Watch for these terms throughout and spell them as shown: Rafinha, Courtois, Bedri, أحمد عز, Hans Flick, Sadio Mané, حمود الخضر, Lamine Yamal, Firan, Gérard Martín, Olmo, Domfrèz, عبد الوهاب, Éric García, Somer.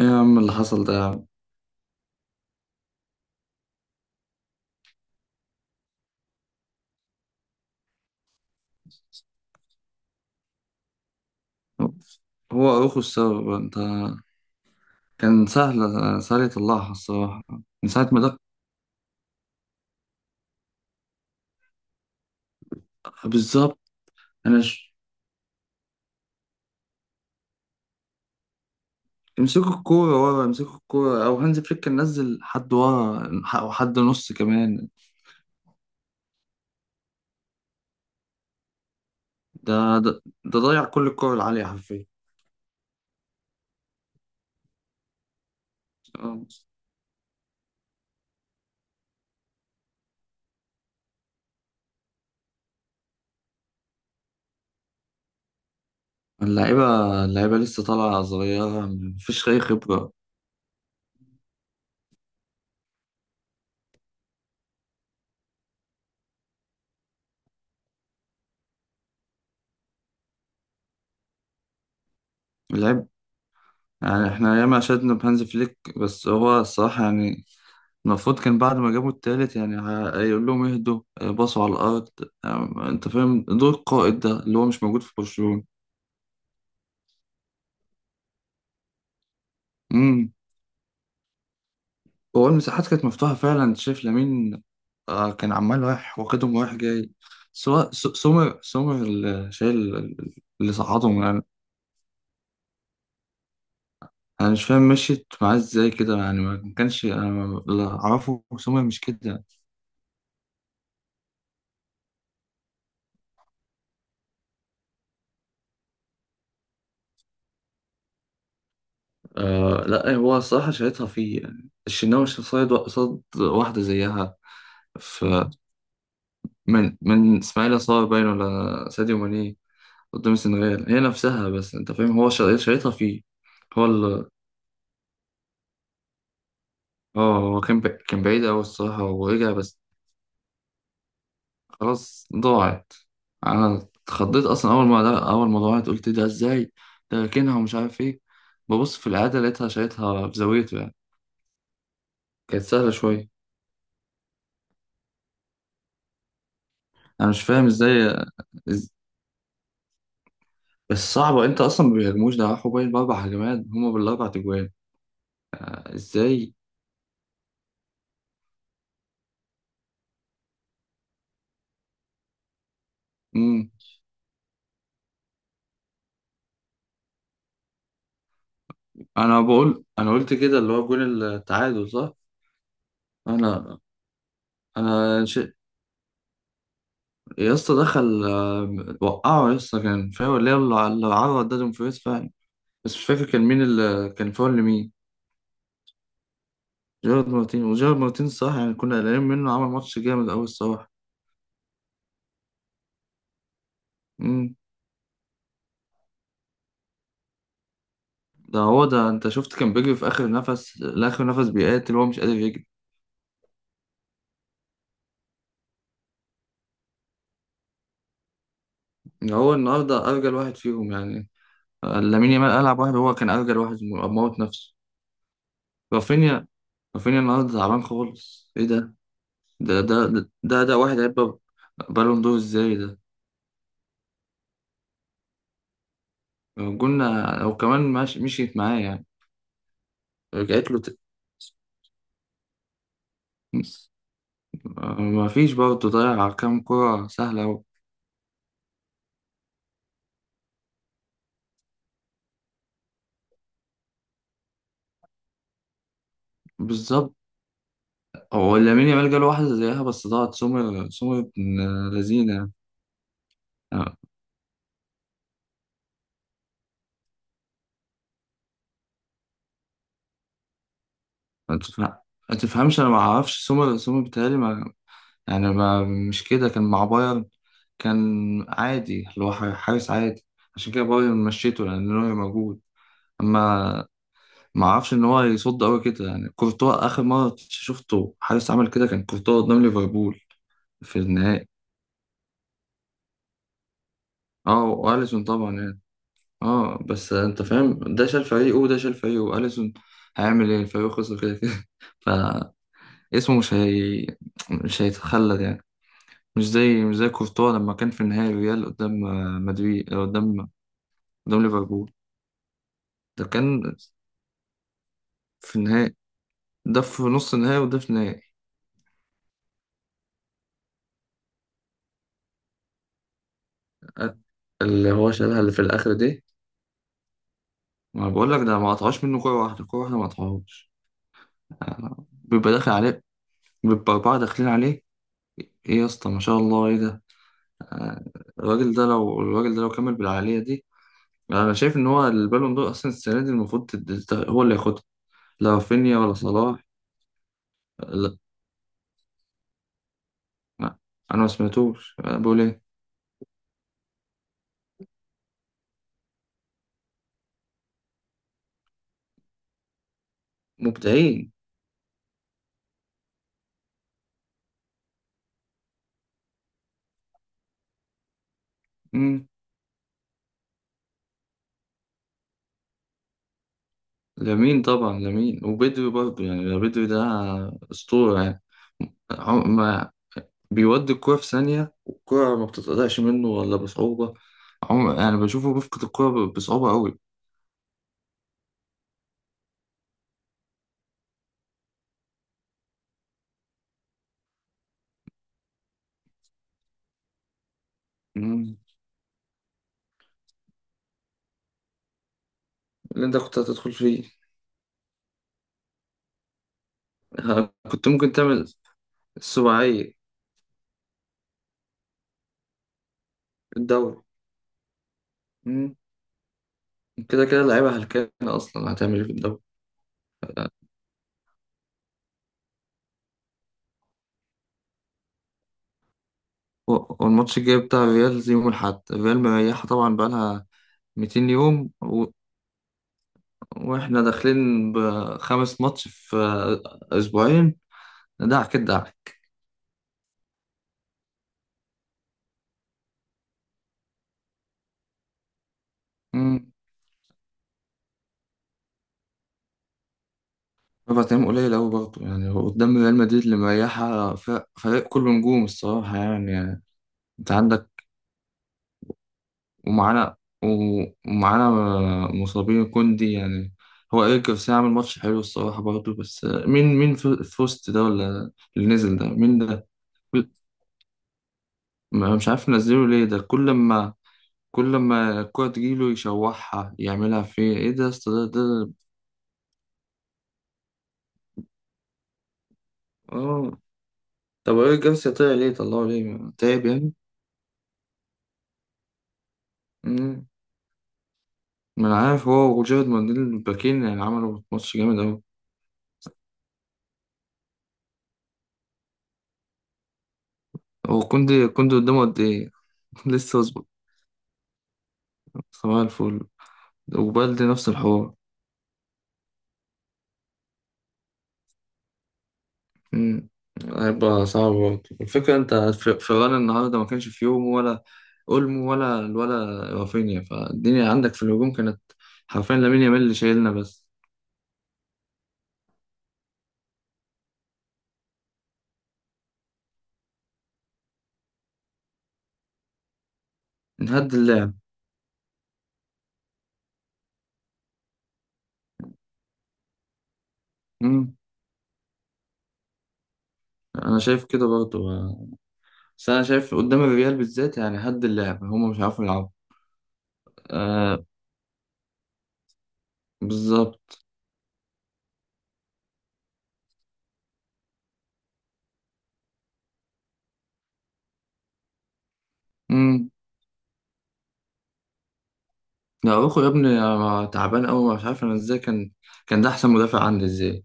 ايه يا عم اللي حصل ده يا عم؟ هو اخو السبب انت. كان سهل، سهل يطلعها الصراحة من ساعة ما دق. بالظبط. انا ش... امسكوا الكورة ورا، امسكوا الكورة، او هانز فليك كان نزل حد ورا او حد نص كمان. ده ده ضيع كل الكورة العالية حرفيا آه. اللعيبة اللعيبة لسه طالعة صغيرة، مفيش أي خبرة. اللعب يعني احنا ياما شدنا بهانز فليك، بس هو الصراحة يعني المفروض كان بعد ما جابوا التالت يعني هيقول لهم اهدوا، باصوا على الأرض. أنت فاهم دور القائد ده اللي هو مش موجود في برشلونة. امم. هو المساحات كانت مفتوحة فعلا، أنت شايف لامين. كان عمال رايح واخدهم، رايح جاي. سواء سومر اللي شايل، اللي صعدهم يعني. أنا مش فاهم مشيت معاه إزاي كده يعني، ما كانش أنا ما- اللي أعرفه سومر مش كده يعني. آه لا، هو الصراحة شايطها فيه يعني. الشناوي مش قصاد واحدة زيها. من اسماعيل صار باين ولا ساديو ماني قدام السنغال هي نفسها، بس انت فاهم هو شايطها فيه. هو ال... اه هو كان بعيد قوي الصراحة ورجع بس. خلاص ضاعت. انا اتخضيت اصلا اول ما ضاعت، قلت ده ازاي، ده راكنها ومش عارف ايه. ببص في العادة لقيتها شايطها في زاويته يعني. كانت سهلة شوية. انا مش فاهم ازاي. إز... بس صعبة، انت اصلا ما بيهاجموش، ده راحوا باين باربع هجمات، هما بالاربع تجوان. ازاي؟ انا بقول، انا قلت كده اللي هو جون التعادل صح. انا انا ش... يا اسطى دخل وقعه يا اسطى، كان فاول اللي هو اللي عرض، ده دومفريز فعلا. بس مش فاكر كان مين اللي كان فاول لمين. جيرارد مارتين، وجيرارد مارتين صح يعني، كنا قلقانين منه، عمل ماتش جامد قوي الصراحه. امم. ده هو ده، انت شفت كان بيجري في اخر نفس لاخر نفس، بيقاتل، هو مش قادر يجري. هو النهارده ارجل واحد فيهم يعني. لامين يامال العب واحد، هو كان ارجل واحد، موت نفسه. رافينيا، رافينيا النهارده تعبان خالص، ايه ده؟ ده واحد هيبقى بالون دور ازاي ده. قلنا او كمان مش مشيت معاه يعني. رجعت له ت... ما فيش برضه، ضيع كام كرة سهلة. بالظبط. هو لامين يامال جاله واحدة زيها بس ضاعت. سمر، سمر ابن لذينة. أه، ما تفهم- ما تفهمش. أنا ما أعرفش سمر، بتهيألي ما، يعني ما، مش كده كان مع بايرن، كان عادي اللي هو حارس عادي. عشان كده بايرن مشيته لأن نوير موجود. أما ما اعرفش ان هو يصد قوي كده يعني. كورتوا اخر مره شفته حارس عمل كده، كان كورتوا قدام ليفربول في النهائي. اه واليسون طبعا يعني. اه بس انت فاهم، ده شال فريقه، وده شال فريقه، واليسون هيعمل ايه الفريق خسر كده كده. فاسمه مش هي، مش هيتخلد يعني. مش زي كورتوا لما كان في النهائي الريال قدام، مدريد، قدام ليفربول. ده كان في النهائي، ده في نص النهائي، وده في النهائي. اللي هو شالها اللي في الاخر دي، ما بقول لك ده ما قطعوش منه كورة واحدة، كورة واحدة ما قطعوهاش. بيبقى داخل عليه، بيبقى أربعة داخلين عليه. إيه يا اسطى، ما شاء الله، إيه ده؟ آه، الراجل ده لو، الراجل ده لو كمل بالعالية دي، أنا شايف إن هو البالون دور أصلا السنة دي المفروض هو اللي ياخدها، لا رافينيا ولا صلاح. لا ما- أنا ما سمعتوش، أنا بقول إيه. مبدعين. مم. لامين طبعا، لامين وبدري برضه يعني. بدري ده أسطورة يعني. ما بيودي الكرة في ثانية، والكرة ما بتتقطعش منه ولا بصعوبة. يعني بشوفه بيفقد الكرة بصعوبة قوي. مم. اللي انت كنت هتدخل فيه. ها، كنت ممكن تعمل السباعية. الدوري. مم. كده كده اللعيبة هلكانة أصلا، هتعمل ايه في الدوري. والماتش الجاي بتاع الريال زي يوم الأحد، الريال مريحة طبعا بقالها 200 يوم و... واحنا داخلين بـ5 ماتش في أسبوعين. دعك الدعك. 4 أيام قليل أوي برضه يعني، هو قدام ريال مدريد اللي مريحة، فريق كله نجوم الصراحة يعني، يعني أنت عندك. ومعانا، ومعانا مصابين كوندي يعني. هو إيريك جارسيا عامل ماتش حلو الصراحة برضه، بس مين في وسط ده، ولا اللي نزل ده مين ده. كل- مش عارف نزله ليه، ده كل ما الكورة تجيله يشوحها، يعملها فيه إيه ده يا اسطى؟ ده. آه. طب إيريك جارسيا طلع ليه، طلعه ليه تعب يعني؟ ما انا عارف، هو وجيرد مانديل الباكين يعني عملوا ماتش جامد أوي. هو كوندي قدامه قد إيه؟ لسه يظبط. صباح الفل. وبالدي نفس الحوار. امم. هيبقى صعب برضه الفكرة، أنت في فيران النهاردة ما كانش، في يوم ولا أولمو ولا، ولا رافينيا، فالدنيا عندك في الهجوم كانت حرفيا لامين يامال اللي شايلنا بس. نهد اللعب. امم. أنا شايف كده برضه، بس أنا شايف قدام الريال بالذات يعني هد اللعب، هما مش عارفين يلعبوا. آه، بالظبط. مم. ده اروخو يا ابني، أنا تعبان قوي، مش عارف انا ازاي كان، كان ده احسن مدافع عندي ازاي.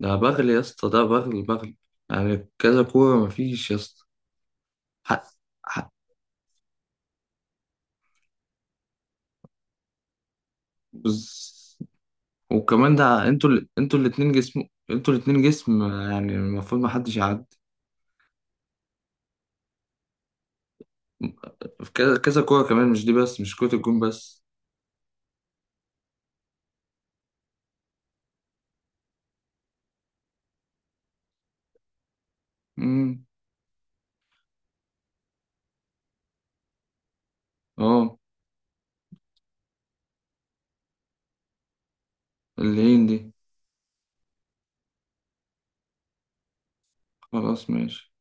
ده بغل يا اسطى، ده بغل بغل. يعني كذا كوره مفيش يا اسطى. حق، حق. بز... وكمان ده، انتوا الاتنين جسم، انتوا الاتنين جسم يعني المفروض ما حدش يعدي. في كذا كذا كوره كمان، مش دي بس، مش كرة الجون بس. امم. اه. اللين دي. خلاص ماشي